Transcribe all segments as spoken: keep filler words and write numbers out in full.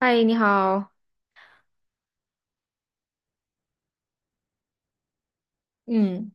嗨，你好。嗯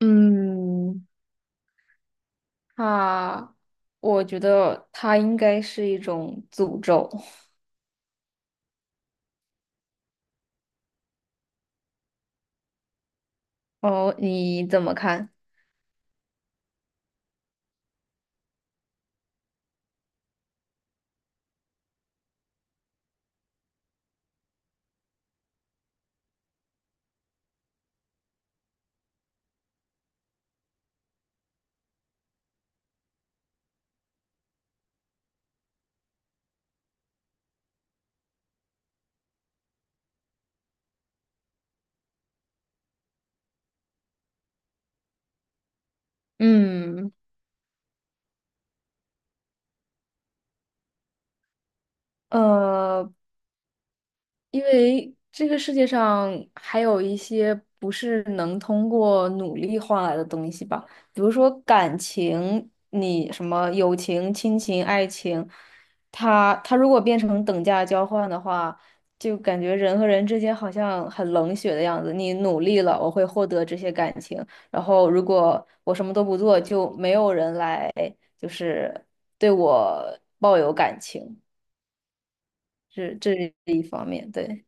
嗯，他，我觉得它应该是一种诅咒。哦，你怎么看？嗯，呃，因为这个世界上还有一些不是能通过努力换来的东西吧，比如说感情，你什么友情、亲情、爱情，它它如果变成等价交换的话，就感觉人和人之间好像很冷血的样子。你努力了，我会获得这些感情，然后如果我什么都不做，就没有人来就是对我抱有感情，这这是一方面，对。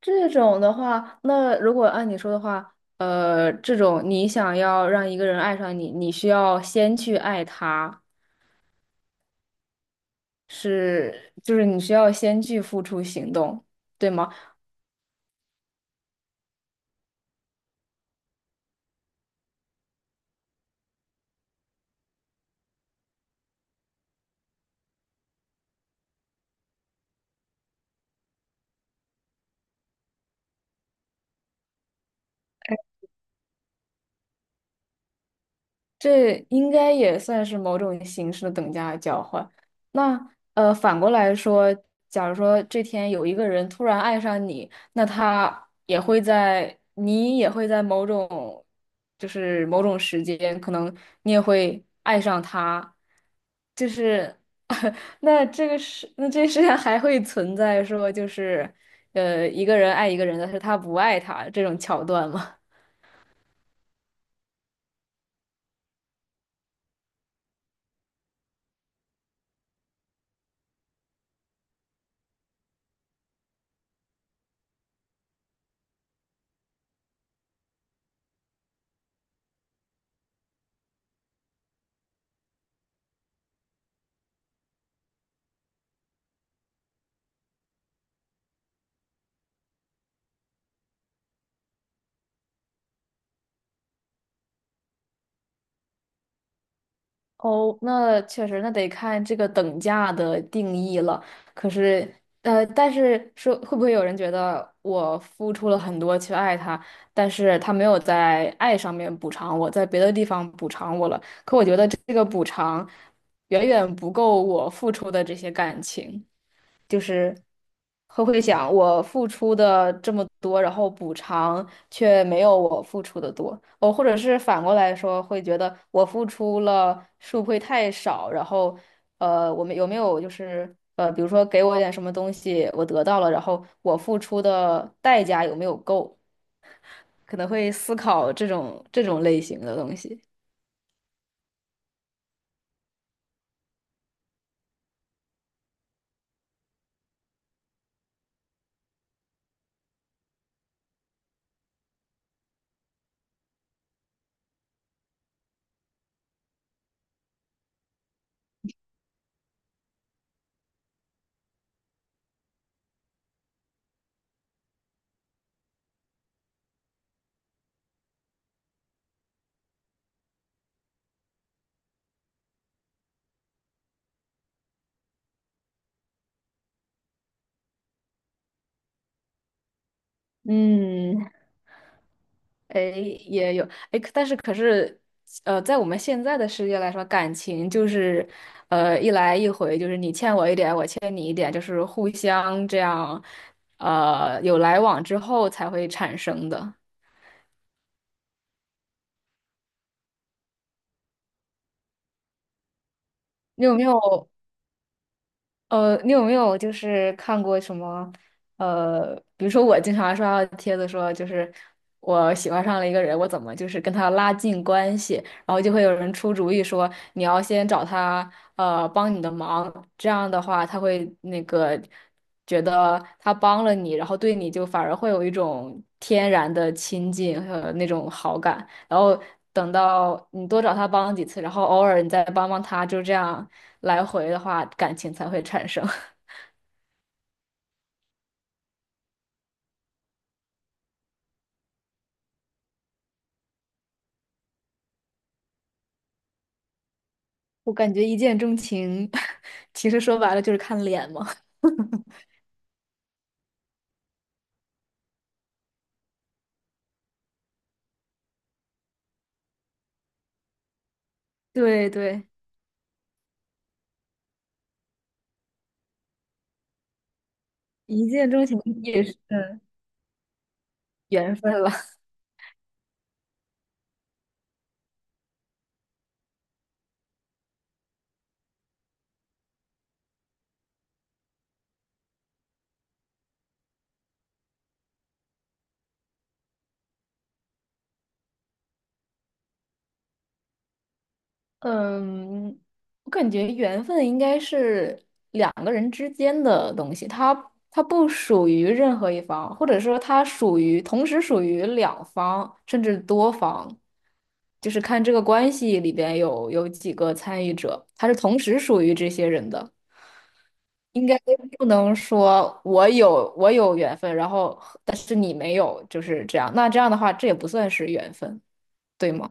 这种的话，那如果按你说的话，呃，这种你想要让一个人爱上你，你需要先去爱他，是，就是你需要先去付出行动，对吗？这应该也算是某种形式的等价交换。那呃，反过来说，假如说这天有一个人突然爱上你，那他也会在，你也会在某种，就是某种时间，可能你也会爱上他，就是 那这个世，那这世上还会存在说，就是呃，一个人爱一个人，但是他不爱他这种桥段吗？哦，那确实，那得看这个等价的定义了。可是，呃，但是说会不会有人觉得我付出了很多去爱他，但是他没有在爱上面补偿我，在别的地方补偿我了，这个补偿远远不够我付出的这些感情。就是会会想，我付出的这么多，然后补偿却没有我付出的多，哦，或者是反过来说，会觉得我付出了是不会太少，然后呃，我们有没有就是呃，比如说给我一点什么东西，我得到了，然后我付出的代价有没有够，可能会思考这种这种类型的东西。嗯，哎，也有哎，可但是可是，呃，在我们现在的世界来说，感情就是，呃，一来一回，就是你欠我一点，我欠你一点，就是互相这样，呃，有来往之后才会产生的。你有没有？呃，你有没有就是看过什么？呃，比如说我经常刷到帖子说，就是我喜欢上了一个人，我怎么就是跟他拉近关系，然后就会有人出主意说，你要先找他呃帮你的忙，这样的话他会那个觉得他帮了你，然后对你就反而会有一种天然的亲近和那种好感，然后等到你多找他帮几次，然后偶尔你再帮帮他，就这样。来回的话，感情才会产生。我感觉一见钟情，其实说白了就是看脸嘛。对对，一见钟情也是嗯缘分了。嗯，我感觉缘分应该是两个人之间的东西，它它不属于任何一方，或者说它属于同时属于两方甚至多方，就是看这个关系里边有有几个参与者，它是同时属于这些人的。应该不能说我有我有缘分，然后但是你没有，就是这样。那这样的话，这也不算是缘分，对吗？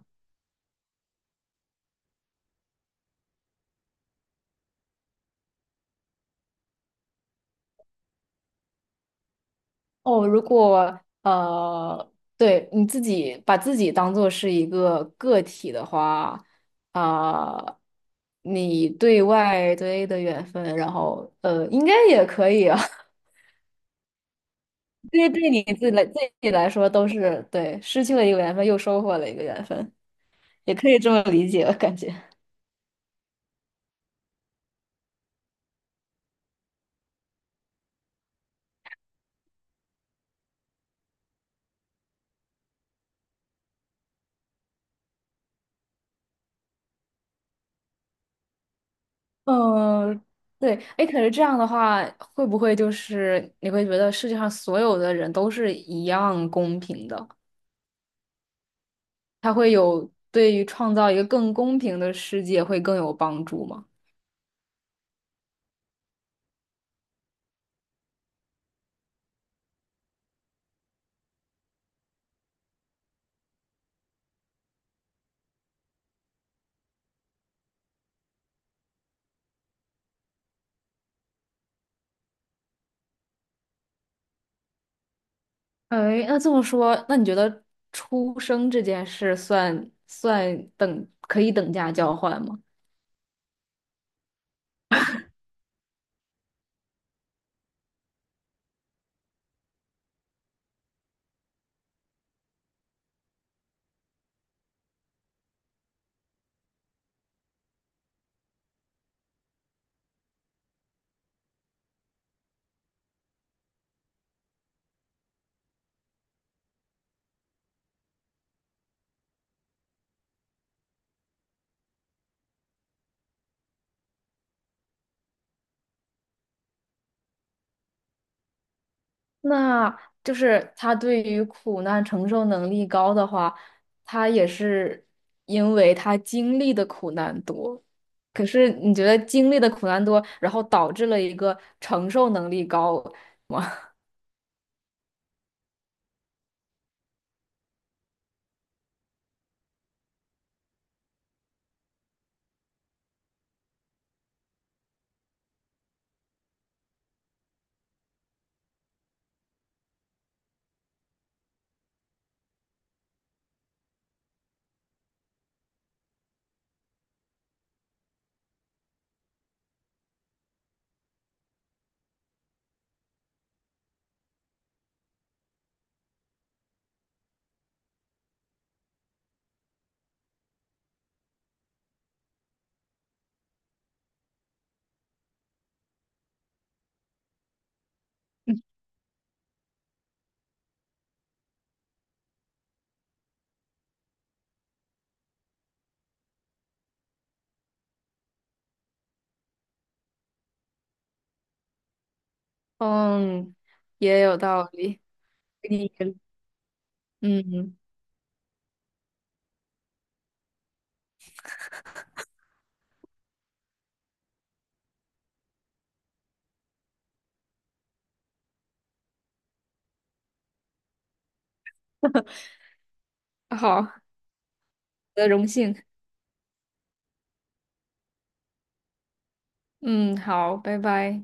哦，如果呃，对你自己把自己当做是一个个体的话，啊、你对外对的缘分，然后呃，应该也可以啊。对，对你自己来自己来说都是对，失去了一个缘分，又收获了一个缘分，也可以这么理解，我感觉。嗯，对，哎，可是这样的话，会不会就是你会觉得世界上所有的人都是一样公平的？它会有对于创造一个更公平的世界会更有帮助吗？哎，那这么说，那你觉得出生这件事算算等可以等价交换吗？那就是他对于苦难承受能力高的话，他也是因为他经历的苦难多。可是你觉得经历的苦难多，然后导致了一个承受能力高，嗯，也有道理。你嗯，好，我的荣幸。嗯，好，拜拜。